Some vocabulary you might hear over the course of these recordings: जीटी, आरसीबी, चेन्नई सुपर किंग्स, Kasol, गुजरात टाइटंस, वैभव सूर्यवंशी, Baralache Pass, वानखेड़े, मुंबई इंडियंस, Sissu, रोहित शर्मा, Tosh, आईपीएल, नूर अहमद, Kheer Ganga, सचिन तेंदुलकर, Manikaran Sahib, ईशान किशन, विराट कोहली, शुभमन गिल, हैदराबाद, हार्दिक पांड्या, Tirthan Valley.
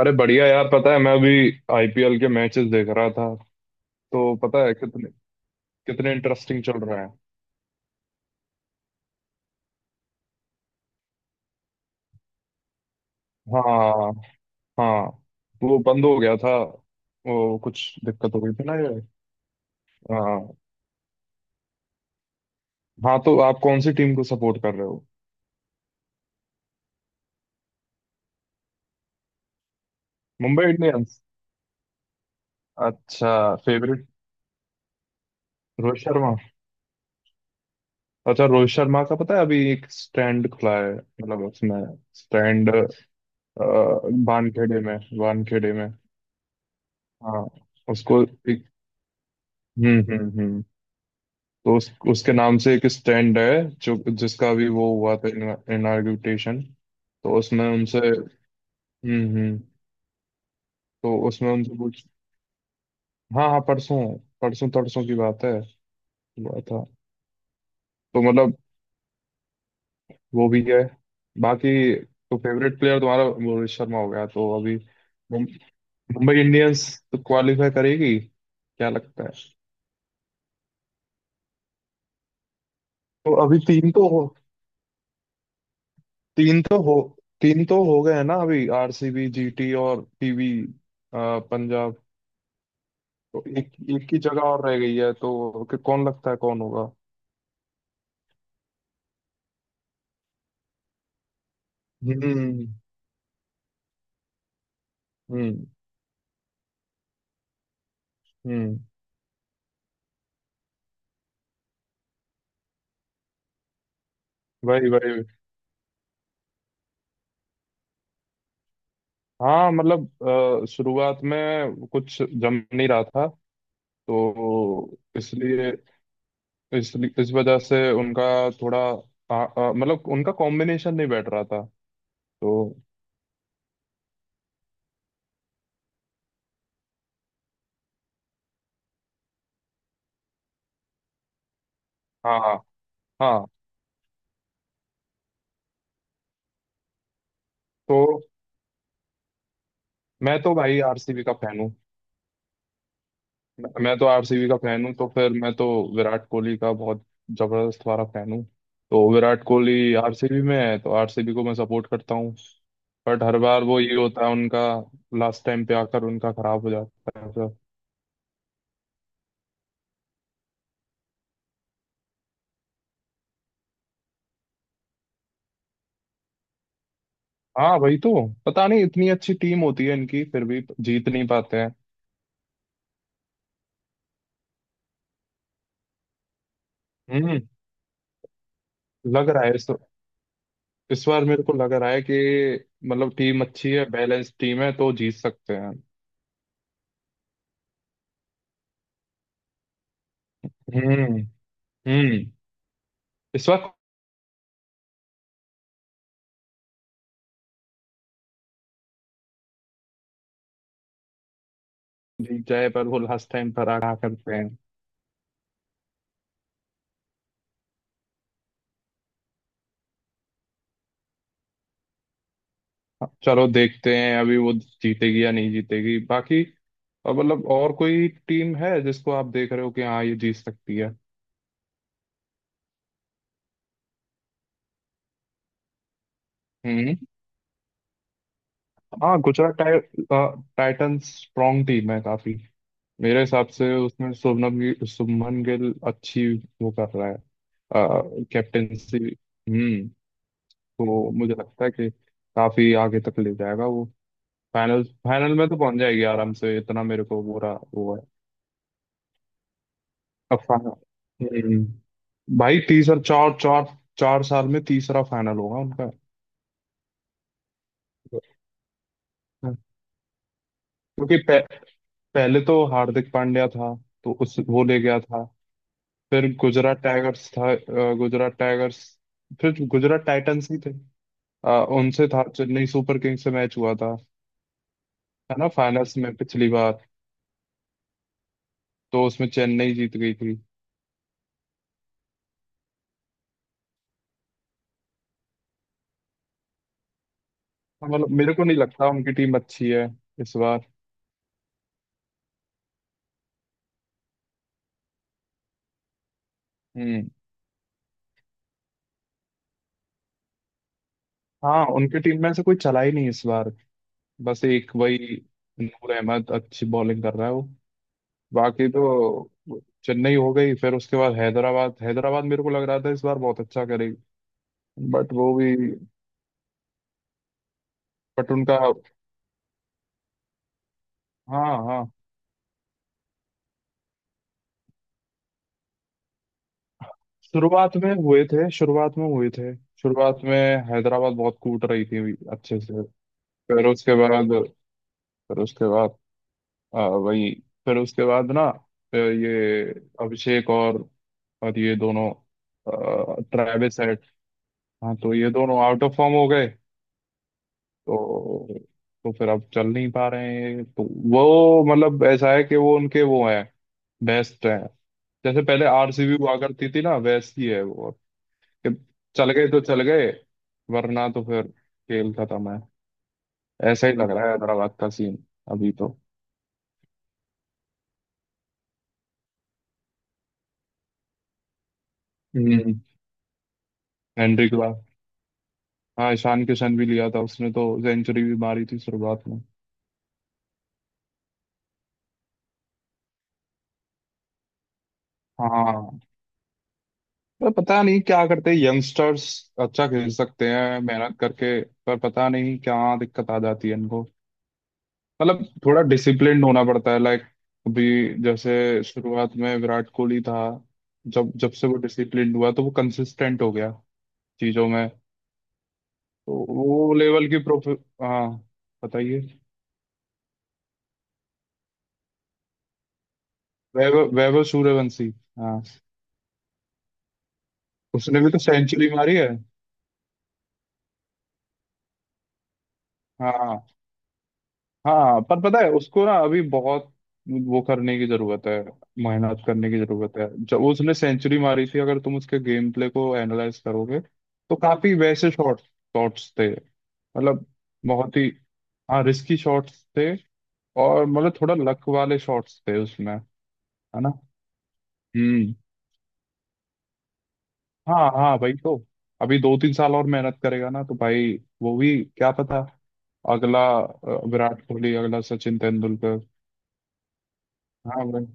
अरे बढ़िया यार पता है मैं अभी आईपीएल के मैचेस देख रहा था। तो पता है कितने कितने इंटरेस्टिंग चल रहे हैं। हाँ हाँ। तो वो बंद हो गया था। वो कुछ दिक्कत हो गई थी ना ये। हाँ हाँ। तो आप कौन सी टीम को सपोर्ट कर रहे हो। मुंबई इंडियंस। अच्छा फेवरेट रोहित शर्मा। अच्छा रोहित शर्मा का पता है अभी एक स्टैंड खुला है मतलब उसमें स्टैंड वानखेड़े में वानखेड़े में। हाँ उसको एक। हम्म। तो उसके नाम से एक स्टैंड है जो जिसका भी वो हुआ था। इनाग्रेशन। तो उसमें उनसे। हम्म। तो उसमें उनसे पूछ। हाँ हाँ परसों। परसों तरसों की बात है। हुआ था। तो मतलब वो भी है बाकी। तो फेवरेट प्लेयर तुम्हारा रोहित शर्मा हो गया तो अभी मुं- मुंबई इंडियंस तो क्वालिफाई करेगी क्या लगता है। तो अभी तीन तो हो तीन तो हो गए हैं ना अभी आरसीबी जीटी और पीवी पंजाब। तो एक एक की जगह और रह गई है तो कि कौन लगता है कौन होगा। हम्म हम्म हम्म। वही वही। हाँ मतलब शुरुआत में कुछ जम नहीं रहा था। तो इसलिए इस इस वजह से उनका थोड़ा मतलब उनका कॉम्बिनेशन नहीं बैठ रहा था। तो हाँ हाँ हाँ। तो मैं तो भाई आरसीबी का फैन हूँ। मैं तो आरसीबी का फैन हूँ तो फिर मैं तो विराट कोहली का बहुत जबरदस्त वाला फैन हूँ। तो विराट कोहली आरसीबी में है तो आरसीबी को मैं सपोर्ट करता हूँ। बट हर बार वो ये होता है उनका लास्ट टाइम पे आकर उनका खराब हो जाता है फिर। हाँ वही तो। पता नहीं इतनी अच्छी टीम होती है इनकी फिर भी जीत नहीं पाते हैं। हम्म। लग रहा है इस बार मेरे को लग रहा है कि मतलब टीम अच्छी है बैलेंस टीम है तो जीत सकते हैं। हम्म हम्म। इस बार जीत जाए पर वो लास्ट टाइम पर आगा करते हैं। चलो देखते हैं अभी वो जीतेगी या नहीं जीतेगी बाकी। और मतलब और कोई टीम है जिसको आप देख रहे हो कि हाँ ये जीत सकती है। हम्म। हाँ टाइटंस स्ट्रॉन्ग टीम है काफी। मेरे हिसाब से उसमें शुभमन गिल अच्छी। वो कर रहा है कैप्टेंसी। हम्म। तो मुझे लगता है कि काफी आगे तक ले जाएगा वो। फाइनल फाइनल में तो पहुंच जाएगी आराम से इतना मेरे को बुरा वो है। अब फाइनल। भाई तीसरा चार चार 4 साल में तीसरा फाइनल होगा उनका। हाँ। क्योंकि पहले तो हार्दिक पांड्या था तो उस वो ले गया था। फिर गुजरात टाइगर्स था अ, गुजरात टाइगर्स फिर गुजरात टाइटंस ही थे। अ, उनसे था चेन्नई सुपर किंग्स से मैच हुआ था। है ना फाइनल्स में पिछली बार। तो उसमें चेन्नई जीत गई थी। हाँ, मतलब मेरे को नहीं लगता उनकी टीम अच्छी है इस बार। हम्म। हाँ उनकी टीम में से कोई चला ही नहीं इस बार। बस एक वही नूर अहमद अच्छी बॉलिंग कर रहा है वो। बाकी तो चेन्नई हो गई फिर उसके बाद हैदराबाद हैदराबाद मेरे को लग रहा था इस बार बहुत अच्छा करेगी। बट वो भी बट उनका। हाँ हाँ शुरुआत में हुए थे शुरुआत में हुए थे शुरुआत में हैदराबाद बहुत कूट रही थी अभी अच्छे से। फिर उसके बाद फिर उसके बाद वही फिर उसके बाद ना ये अभिषेक और ये दोनों ट्रेविस। हाँ तो ये दोनों आउट ऑफ फॉर्म हो गए। तो तो फिर अब चल नहीं पा रहे हैं तो। वो मतलब ऐसा है कि वो उनके वो हैं बेस्ट हैं। जैसे पहले आरसीबी हुआ करती थी ना वैसी है वो। कि चल गए तो चल गए। वरना तो फिर खेल खत्म है। ऐसा ही लग रहा है हैदराबाद का सीन अभी तो। हम्म। हेनरी के बाद। हाँ ईशान किशन भी लिया था उसने तो सेंचुरी भी मारी थी शुरुआत में। हाँ पर पता नहीं क्या करते यंगस्टर्स अच्छा खेल सकते हैं मेहनत करके। पर पता नहीं क्या दिक्कत आ जाती है इनको मतलब थोड़ा डिसिप्लिन्ड होना पड़ता है लाइक अभी जैसे शुरुआत में विराट कोहली था। जब जब से वो डिसिप्लिन्ड हुआ तो वो कंसिस्टेंट हो गया चीजों में। तो वो लेवल की प्रोफे। हाँ बताइए। वैभव वैभव सूर्यवंशी। हाँ उसने भी तो सेंचुरी मारी है। हाँ हाँ पर पता है उसको ना अभी बहुत वो करने की जरूरत है मेहनत करने की जरूरत है। जब उसने सेंचुरी मारी थी अगर तुम उसके गेम प्ले को एनालाइज करोगे तो काफी वैसे शॉट शॉट्स थे मतलब बहुत ही। हाँ रिस्की शॉट्स थे और मतलब थोड़ा लक वाले शॉट्स थे उसमें है ना। हम्म। हाँ हाँ भाई तो अभी 2-3 साल और मेहनत करेगा ना तो भाई वो भी क्या पता अगला विराट कोहली अगला सचिन तेंदुलकर। हाँ भाई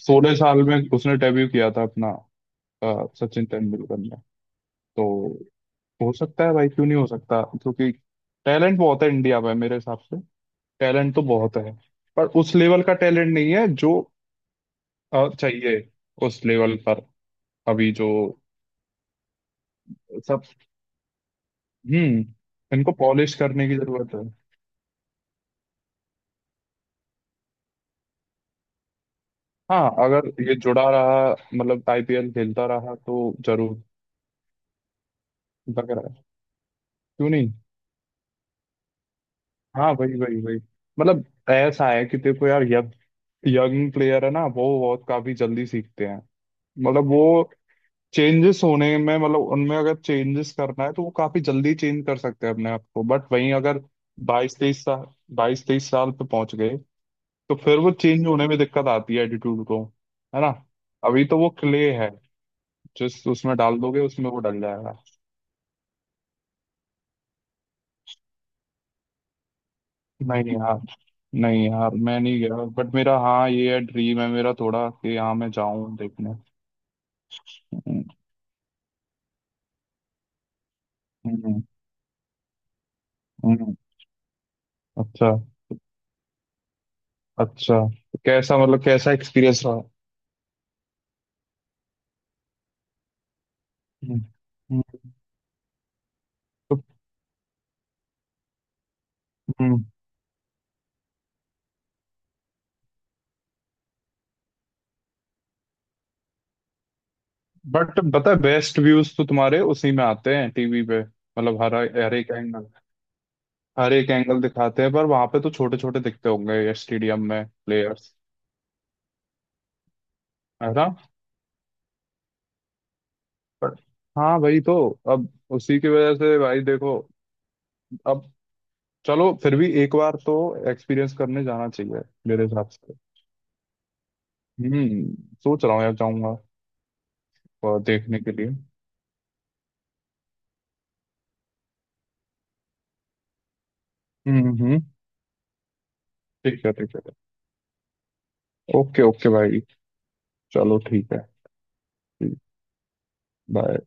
16 साल में उसने डेब्यू किया था अपना सचिन तेंदुलकर ने। तो हो सकता है भाई क्यों नहीं हो सकता क्योंकि टैलेंट बहुत है इंडिया में मेरे हिसाब से। टैलेंट तो बहुत है पर उस लेवल का टैलेंट नहीं है जो चाहिए उस लेवल पर। अभी जो सब। हम्म। इनको पॉलिश करने की जरूरत है। हाँ अगर ये जुड़ा रहा मतलब आईपीएल खेलता रहा तो जरूर। लग रहा है क्यों नहीं। हाँ वही वही वही। मतलब ऐसा है कि देखो यार यंग यंग प्लेयर है ना वो बहुत काफी जल्दी सीखते हैं। मतलब वो चेंजेस होने में मतलब उनमें अगर चेंजेस करना है तो वो काफी जल्दी चेंज कर सकते हैं अपने आप को। बट वहीं अगर बाईस तेईस साल बाईस तेईस साल पे पहुंच गए तो फिर वो चेंज होने में दिक्कत आती है एटीट्यूड को है ना। अभी तो वो क्ले है जिस उसमें डाल दोगे उसमें वो डल जाएगा। नहीं नहीं यार मैं नहीं गया बट मेरा हाँ ये है ड्रीम है मेरा थोड़ा कि हाँ मैं जाऊं देखने। हम्म हम्म, हम्म। अच्छा अच्छा। कैसा मतलब कैसा एक्सपीरियंस रहा। हम्म, हम्म, तो हम्म। बट पता है बेस्ट व्यूज तो तुम्हारे उसी में आते हैं टीवी पे मतलब हर हर एक एंगल हर एक एंगल दिखाते हैं। पर वहां पे तो छोटे छोटे दिखते होंगे स्टेडियम में प्लेयर्स है ना। पर- हाँ भाई तो अब उसी की वजह से भाई देखो अब चलो फिर भी एक बार तो एक्सपीरियंस करने जाना चाहिए मेरे हिसाब से। हम्म। सोच रहा हूँ यार जाऊंगा और देखने के लिए। हम्म। ठीक है ठीक है। ओके ओके भाई। चलो ठीक है। बाय।